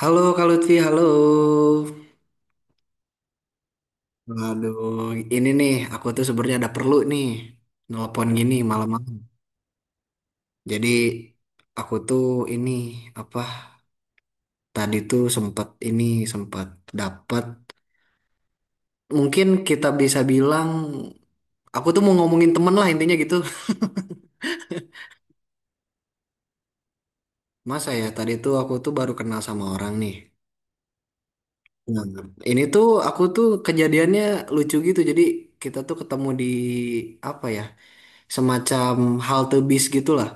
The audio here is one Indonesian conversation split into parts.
Halo Kak Lutfi, halo. Waduh, ini nih aku tuh sebenarnya ada perlu nih nelpon gini malam-malam. Jadi aku tuh ini apa tadi tuh sempat ini sempat dapat mungkin kita bisa bilang aku tuh mau ngomongin temen lah intinya gitu. Masa ya tadi tuh aku tuh baru kenal sama orang nih. Nah, ini tuh aku tuh kejadiannya lucu gitu. Jadi kita tuh ketemu di apa ya semacam halte bis gitulah.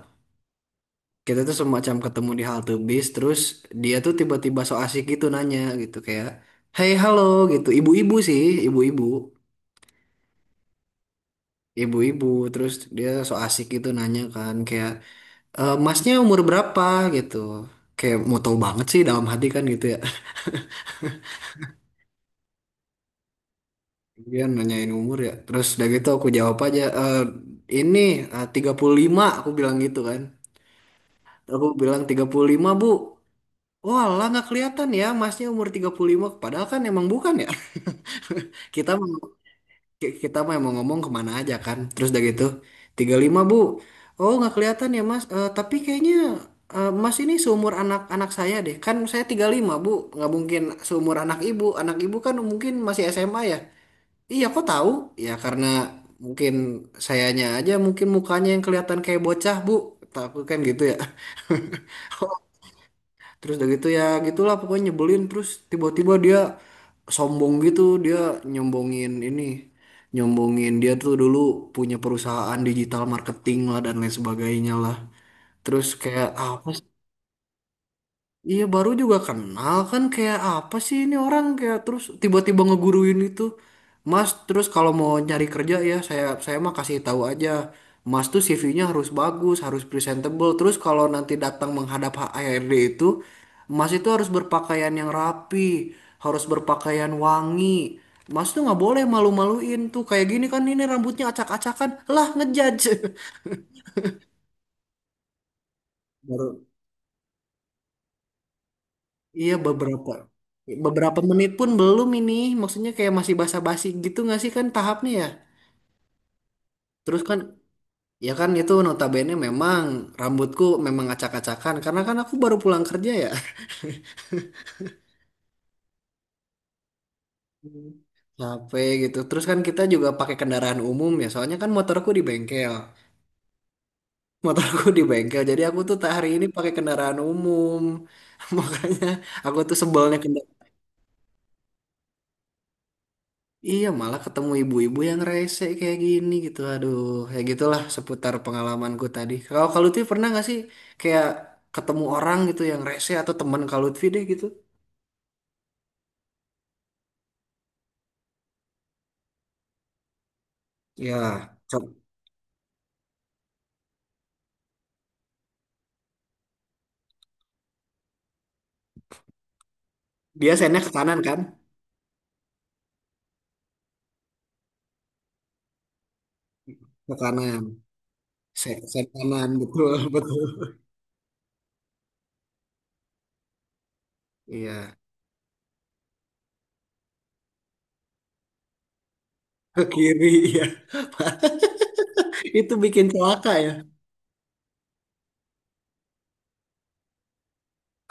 Kita tuh semacam ketemu di halte bis terus dia tuh tiba-tiba so asik gitu nanya gitu kayak hey halo gitu ibu-ibu sih ibu-ibu ibu-ibu terus dia so asik gitu nanya kan kayak, "E, masnya umur berapa," gitu, kayak mau tahu banget sih dalam hati kan gitu ya. Dia nanyain umur ya terus udah gitu aku jawab aja, "Eh, ini eh, 35," aku bilang gitu kan. Aku bilang 35 Bu. Wah, lah nggak kelihatan ya masnya umur 35, padahal kan emang bukan ya. Kita mau kita mah mau emang ngomong kemana aja kan. Terus udah gitu, 35 Bu. Oh, nggak kelihatan ya Mas. Eh, tapi kayaknya eh, Mas ini seumur anak-anak saya deh. Kan saya 35 Bu, nggak mungkin seumur anak Ibu. Anak Ibu kan mungkin masih SMA ya. Iya, kok tahu? Ya karena mungkin sayanya aja mungkin mukanya yang kelihatan kayak bocah Bu. Takut kan gitu ya. Terus udah gitu ya gitulah pokoknya nyebelin terus tiba-tiba dia sombong gitu dia nyombongin ini nyombongin dia tuh dulu punya perusahaan digital marketing lah dan lain sebagainya lah. Terus kayak ah, apa. Iya baru juga kenal kan kayak apa sih ini orang kayak terus tiba-tiba ngeguruin itu. Mas terus kalau mau nyari kerja ya saya mah kasih tahu aja. Mas tuh CV-nya harus bagus, harus presentable. Terus kalau nanti datang menghadap HRD itu, Mas itu harus berpakaian yang rapi, harus berpakaian wangi. Mas tuh nggak boleh malu-maluin tuh kayak gini kan ini rambutnya acak-acakan. Lah ngejudge. Baru. Iya beberapa beberapa menit pun belum ini maksudnya kayak masih basa-basi gitu nggak sih kan tahapnya ya. Terus kan ya kan itu notabene memang rambutku memang acak-acakan karena kan aku baru pulang kerja ya. Hmm. Capek gitu terus kan kita juga pakai kendaraan umum ya soalnya kan motorku di bengkel jadi aku tuh hari ini pakai kendaraan umum. Makanya aku tuh sebelnya kendaraan. Iya, malah ketemu ibu-ibu yang rese kayak gini gitu. Aduh, kayak gitulah seputar pengalamanku tadi. Kalau Kak Lutfi pernah nggak sih kayak ketemu orang gitu yang rese atau teman Kak Lutfi deh gitu? Ya, ke- dia sennya ke kanan kan? Ke kanan. Sen, sen kanan, betul, betul. Iya, ke kiri, iya. Itu bikin celaka ya.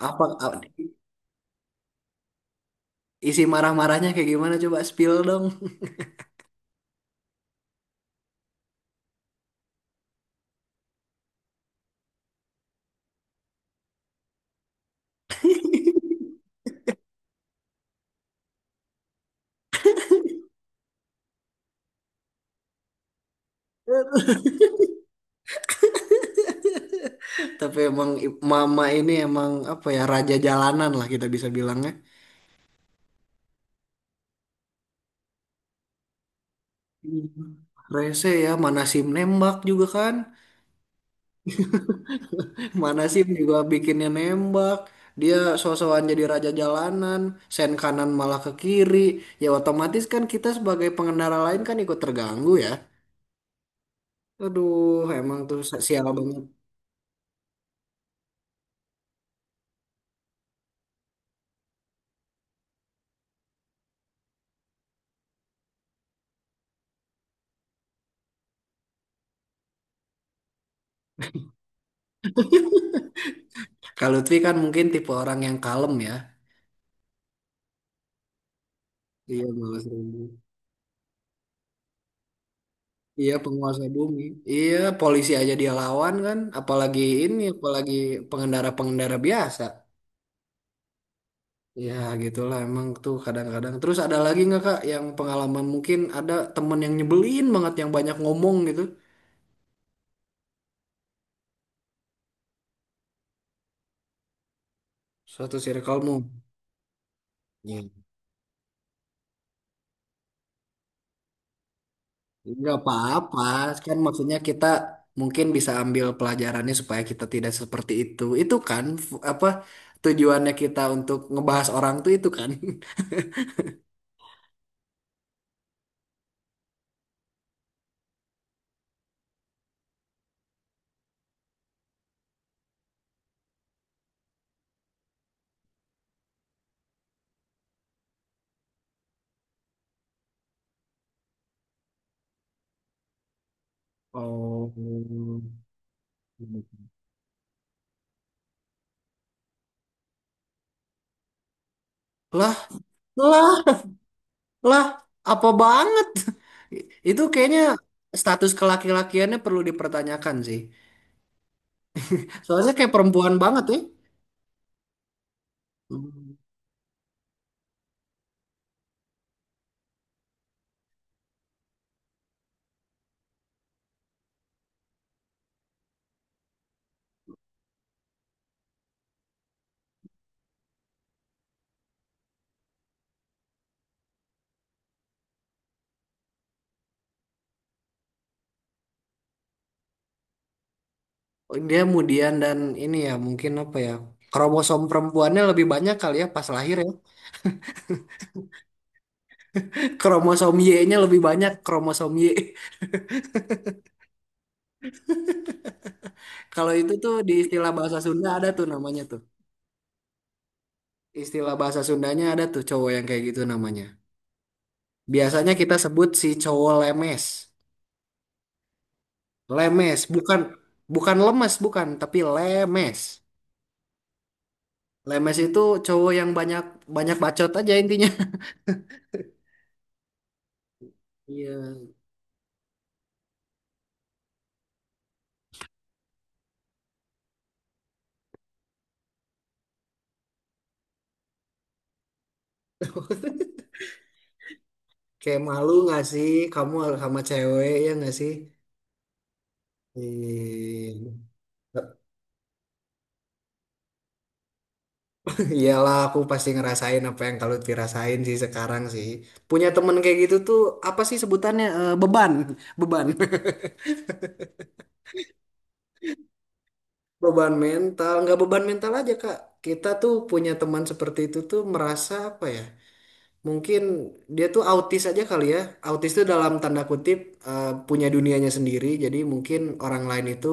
Apa, isi marah-marahnya kayak gimana? Coba spill dong. Tapi emang mama ini emang apa ya raja jalanan lah kita bisa bilangnya. Hmm. Rese ya, mana sim nembak juga kan. Mana sim juga bikinnya nembak. Dia so-soan jadi raja jalanan, sen kanan malah ke kiri. Ya otomatis kan kita sebagai pengendara lain kan ikut terganggu ya. Aduh, emang tuh sial banget. Kalau Lutfi kan mungkin tipe orang yang kalem ya. Iya, bagus. Iya penguasa bumi. Iya polisi aja dia lawan kan, apalagi ini, apalagi pengendara-pengendara biasa. Ya gitulah emang tuh kadang-kadang. Terus ada lagi nggak Kak yang pengalaman mungkin ada temen yang nyebelin banget yang banyak ngomong gitu. Suatu circlemu. Ya. Nggak apa-apa, kan maksudnya kita mungkin bisa ambil pelajarannya supaya kita tidak seperti itu. Itu kan apa tujuannya kita untuk ngebahas orang tuh itu kan. Oh. Lah, lah. Lah, apa banget? Itu kayaknya status kelaki-lakiannya perlu dipertanyakan sih. Soalnya kayak perempuan banget ya. Hmm. Dia kemudian dan ini ya mungkin apa ya? Kromosom perempuannya lebih banyak kali ya pas lahir ya. Kromosom Y-nya lebih banyak kromosom Y. Kalau itu tuh di istilah bahasa Sunda ada tuh namanya tuh. Istilah bahasa Sundanya ada tuh cowok yang kayak gitu namanya. Biasanya kita sebut si cowok lemes. Lemes, bukan bukan lemes, bukan, tapi lemes. Lemes itu cowok yang banyak banyak bacot aja intinya. Iya. Kayak malu nggak sih kamu sama cewek ya nggak sih? Ih, iyalah aku pasti ngerasain apa yang kalau dirasain sih sekarang sih. Punya temen kayak gitu tuh apa sih sebutannya? Eh, beban, beban. Beban mental, nggak beban mental aja Kak. Kita tuh punya teman seperti itu tuh merasa apa ya? Mungkin dia tuh autis aja kali ya. Autis tuh dalam tanda kutip eh, punya dunianya sendiri. Jadi mungkin orang lain itu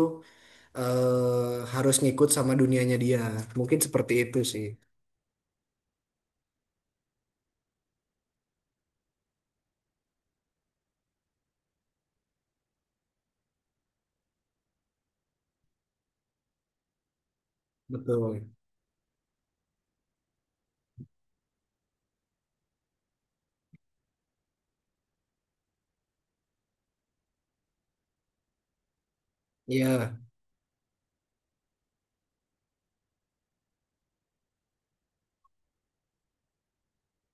eh, harus ngikut sama dunianya dia. Mungkin seperti itu sih. Betul. Iya.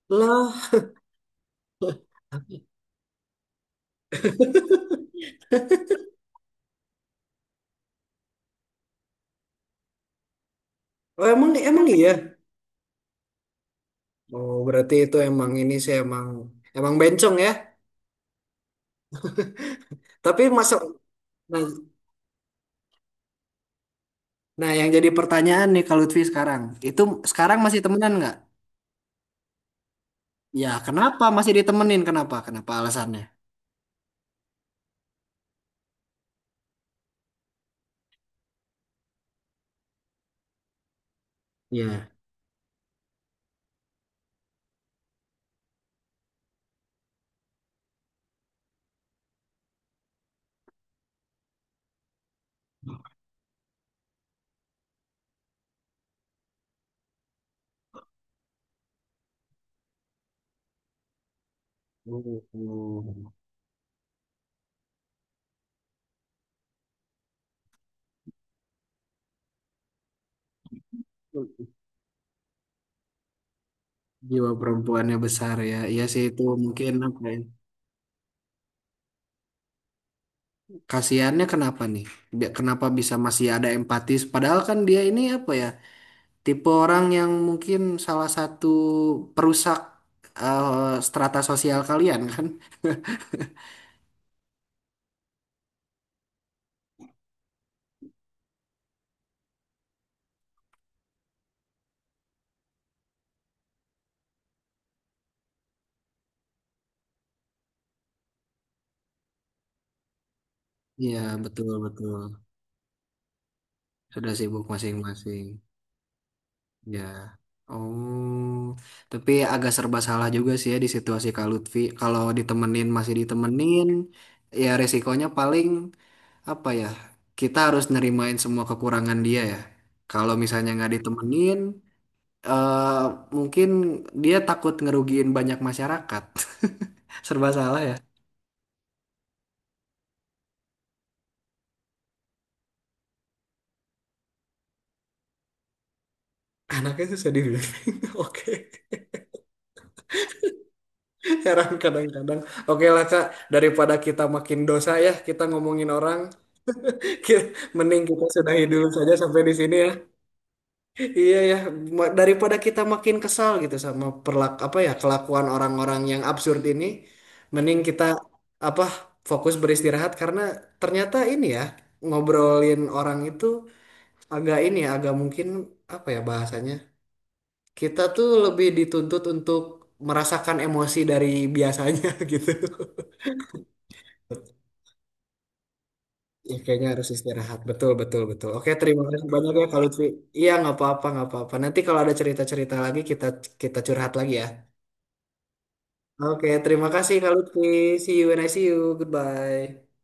Lah, oh, emang emang iya. Oh, berarti itu emang ini sih emang emang bencong ya. Tapi masuk nah, nah, yang jadi pertanyaan nih kalau Lutfi sekarang, itu sekarang masih temenan nggak? Ya, kenapa masih ditemenin? Kenapa? Kenapa alasannya? Iya. Oh. Jiwa perempuannya besar ya. Iya sih itu mungkin apa ya? Kasihannya kenapa nih? Kenapa bisa masih ada empatis? Padahal kan dia ini apa ya? Tipe orang yang mungkin salah satu perusak eh, strata sosial kalian kan? Iya betul betul. Sudah sibuk masing-masing. Ya. Oh, tapi agak serba salah juga sih ya di situasi Kak Lutfi. Kalau ditemenin masih ditemenin, ya resikonya paling apa ya kita harus nerimain semua kekurangan dia ya kalau misalnya nggak ditemenin eh mungkin dia takut ngerugiin banyak masyarakat. Serba salah ya. Anaknya susah dibimbing. Oke, heran kadang-kadang. Oke lah Kak, daripada kita makin dosa ya, kita ngomongin orang, ki- mending kita sudahi dulu saja sampai di sini ya. Iya ya, daripada kita makin kesal gitu sama perlak apa ya kelakuan orang-orang yang absurd ini, mending kita apa fokus beristirahat karena ternyata ini ya ngobrolin orang itu agak ini ya agak mungkin apa ya bahasanya kita tuh lebih dituntut untuk merasakan emosi dari biasanya gitu. Ya, kayaknya harus istirahat. Betul, betul, betul. Oke, terima kasih banyak ya Kak Lutfi. Iya, nggak apa-apa, nggak apa-apa. Nanti kalau ada cerita-cerita lagi kita kita curhat lagi ya. Oke, terima kasih Kak Lutfi. See you when I see you. Goodbye.